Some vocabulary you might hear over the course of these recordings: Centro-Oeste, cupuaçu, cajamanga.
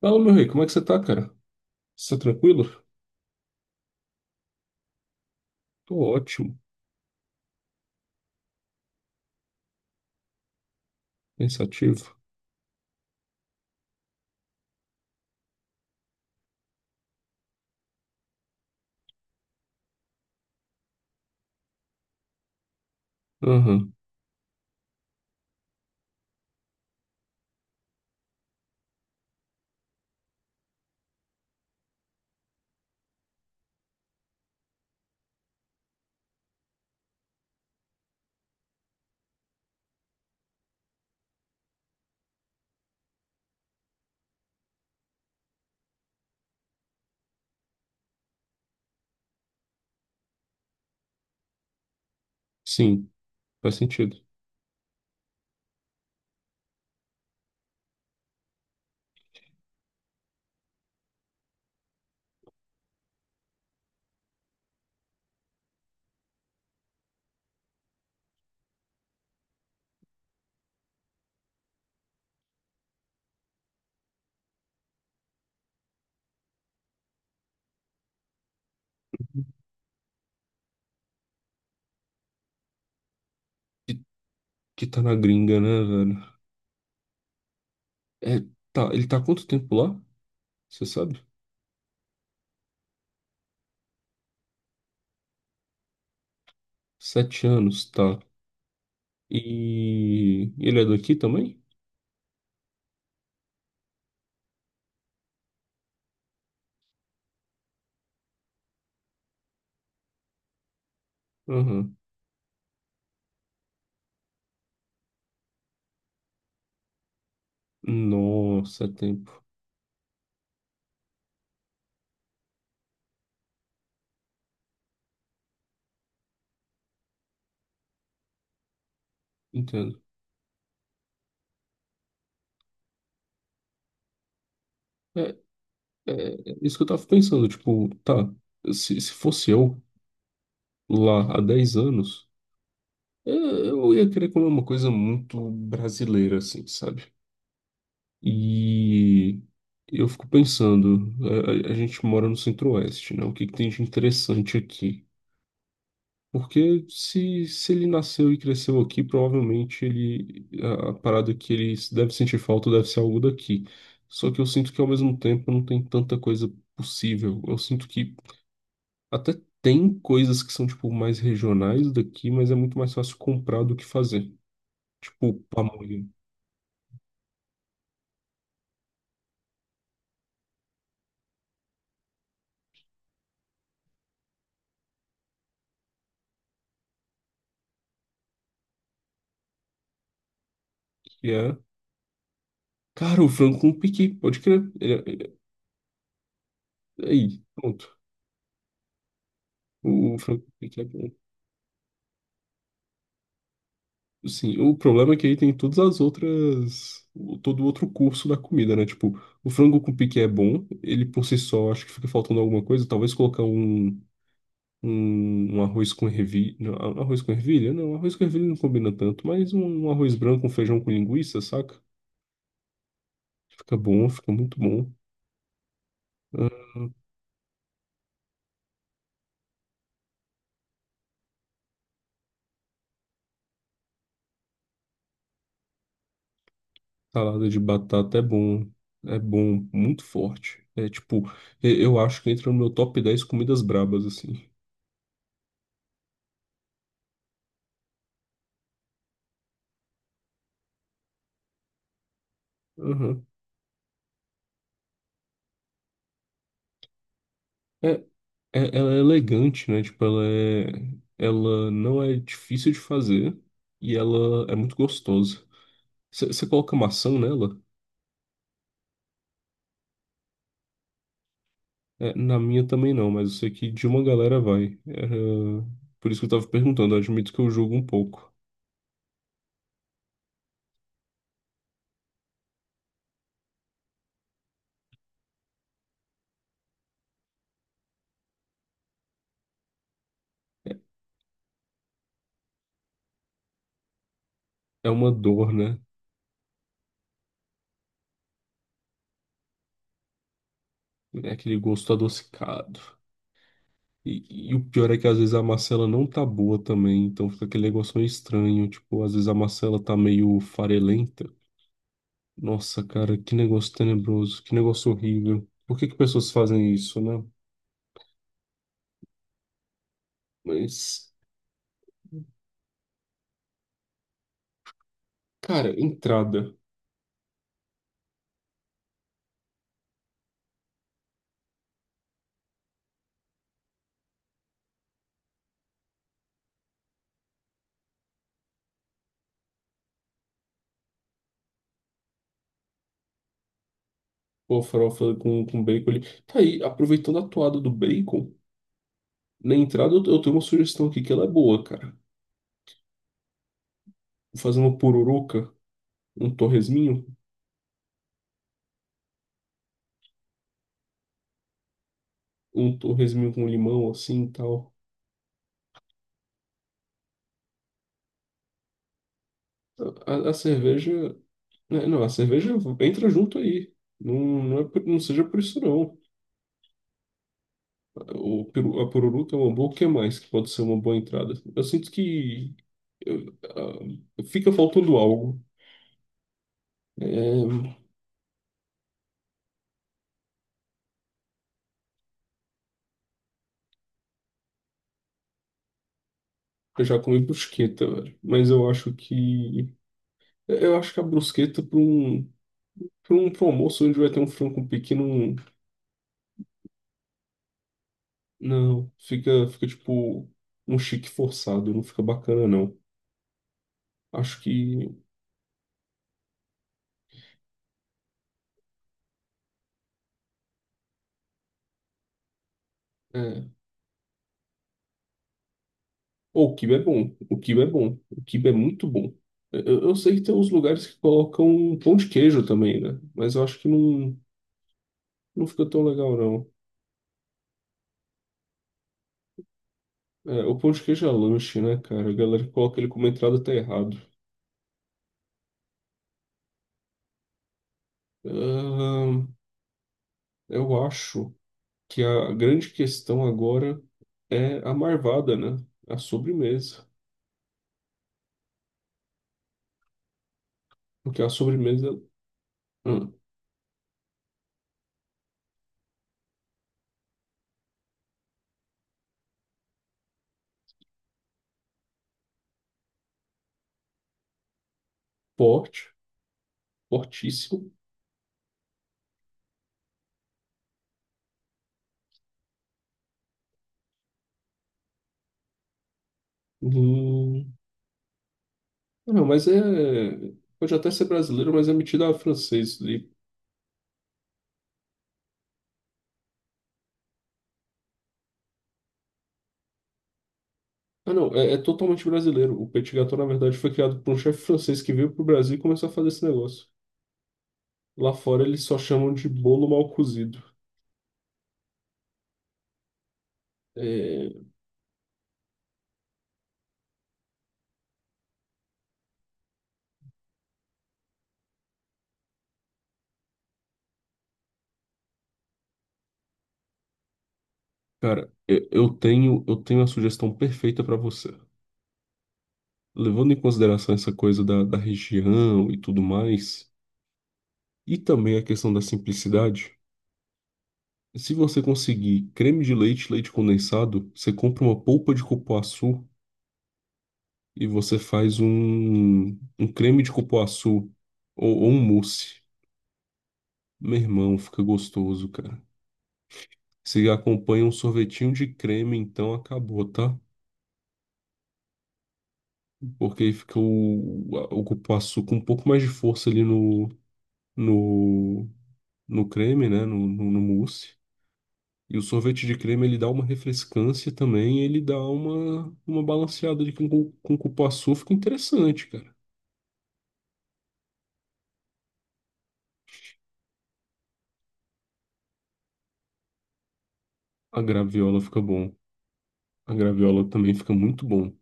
Fala, meu rei, como é que você tá, cara? Você tá tranquilo? Tô ótimo, pensativo. Aham, sim, faz sentido. Que, que tá na gringa, né, velho? É, tá, ele tá há quanto tempo lá? Você sabe? 7 anos, tá. E ele é daqui também? Aham. Nossa, é tempo. Entendo. É, é isso que eu tava pensando, tipo, tá, se fosse eu lá há 10 anos, eu ia querer comer uma coisa muito brasileira, assim, sabe? E eu fico pensando, a gente mora no Centro-Oeste, né? O que tem de interessante aqui? Porque se ele nasceu e cresceu aqui, provavelmente ele, a parada que ele deve sentir falta deve ser algo daqui. Só que eu sinto que ao mesmo tempo não tem tanta coisa possível. Eu sinto que até tem coisas que são tipo mais regionais daqui, mas é muito mais fácil comprar do que fazer. Tipo, pamonha, que é. Cara, o frango com piqui, pode crer. Ele é- Aí, pronto. O Franco Pique é bom. Sim, o problema é que aí tem todas as outras. Todo o outro curso da comida, né? Tipo, o frango com pique é bom, ele por si só, acho que fica faltando alguma coisa. Talvez colocar um arroz com ervilha. Não, arroz com ervilha? Não, arroz com ervilha não combina tanto, mas um arroz branco, um feijão com linguiça, saca? Fica bom, fica muito bom. Ah, salada de batata é bom, muito forte. É tipo, eu acho que entra no meu top 10 comidas brabas, assim. Aham. É, ela é elegante, né? Tipo, ela não é difícil de fazer e ela é muito gostosa. Você coloca maçã nela? É, na minha também não, mas eu sei que de uma galera vai. Era- Por isso que eu tava perguntando, eu admito que eu julgo um pouco. É é uma dor, né? É aquele gosto adocicado. E o pior é que às vezes a maçã ela não tá boa também, então fica aquele negócio meio estranho. Tipo, às vezes a maçã ela tá meio farelenta. Nossa, cara, que negócio tenebroso, que negócio horrível. Por que que pessoas fazem isso, né? Mas, cara, entrada. Pô, farofa com bacon ali. Tá aí, aproveitando a toada do bacon, na entrada eu tenho uma sugestão aqui que ela é boa, cara. Fazer uma pururuca, um torresminho, um torresminho com limão, assim e tal. A cerveja. Né, Não, a cerveja entra junto aí. Não, não, é não seja por isso, não. A pururuca é uma boa, o que mais que pode ser uma boa entrada? Eu sinto que eu- ah, fica faltando algo. É, eu já comi brusqueta, velho. Mas eu acho que. Eu acho que a brusqueta pra um almoço onde vai ter um frango pequeno. Não, fica, fica tipo um chique forçado, não fica bacana, não. Acho que. É. Ou o quibe é bom, o quibe é muito bom. Eu sei que tem uns lugares que colocam pão de queijo também, né? Mas eu acho que não, não fica tão legal, não. É, o pão de queijo é lanche, né, cara? A galera que coloca ele como entrada tá errado. Ahn, eu acho que a grande questão agora é a marvada, né? A sobremesa. Porque a sobremesa é forte, fortíssimo. Hum, não, mas é. Pode até ser brasileiro, mas é metida a francês ali. Ah, não, é totalmente brasileiro. O petit gâteau, na verdade, foi criado por um chefe francês que veio pro Brasil e começou a fazer esse negócio. Lá fora eles só chamam de bolo mal cozido. É, cara, eu tenho a sugestão perfeita para você. Levando em consideração essa coisa da região e tudo mais, e também a questão da simplicidade, se você conseguir creme de leite, leite condensado, você compra uma polpa de cupuaçu e você faz um creme de cupuaçu ou um mousse. Meu irmão, fica gostoso, cara. Se acompanha um sorvetinho de creme, então acabou, tá? Porque aí fica o cupuaçu com um pouco mais de força ali no, no creme, né? No mousse. E o sorvete de creme ele dá uma refrescância também, ele dá uma balanceada de com cupuaçu, fica interessante, cara. A graviola fica bom. A graviola também fica muito bom.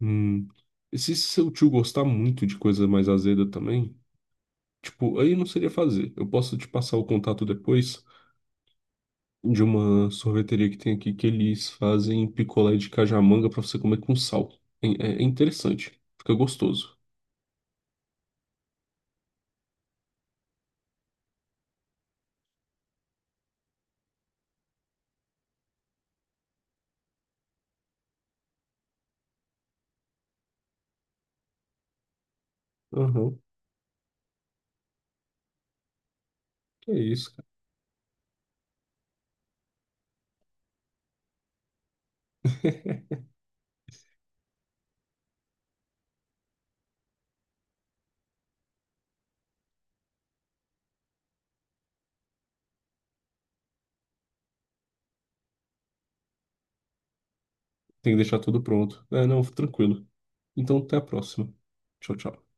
Hum. E se seu tio gostar muito de coisa mais azeda também, tipo, aí não seria fazer. Eu posso te passar o contato depois de uma sorveteria que tem aqui que eles fazem picolé de cajamanga pra você comer com sal. É, é interessante, fica gostoso. Aham, que isso, cara. Tem que deixar tudo pronto. É, não, tranquilo. Então, até a próxima. Tchau, tchau.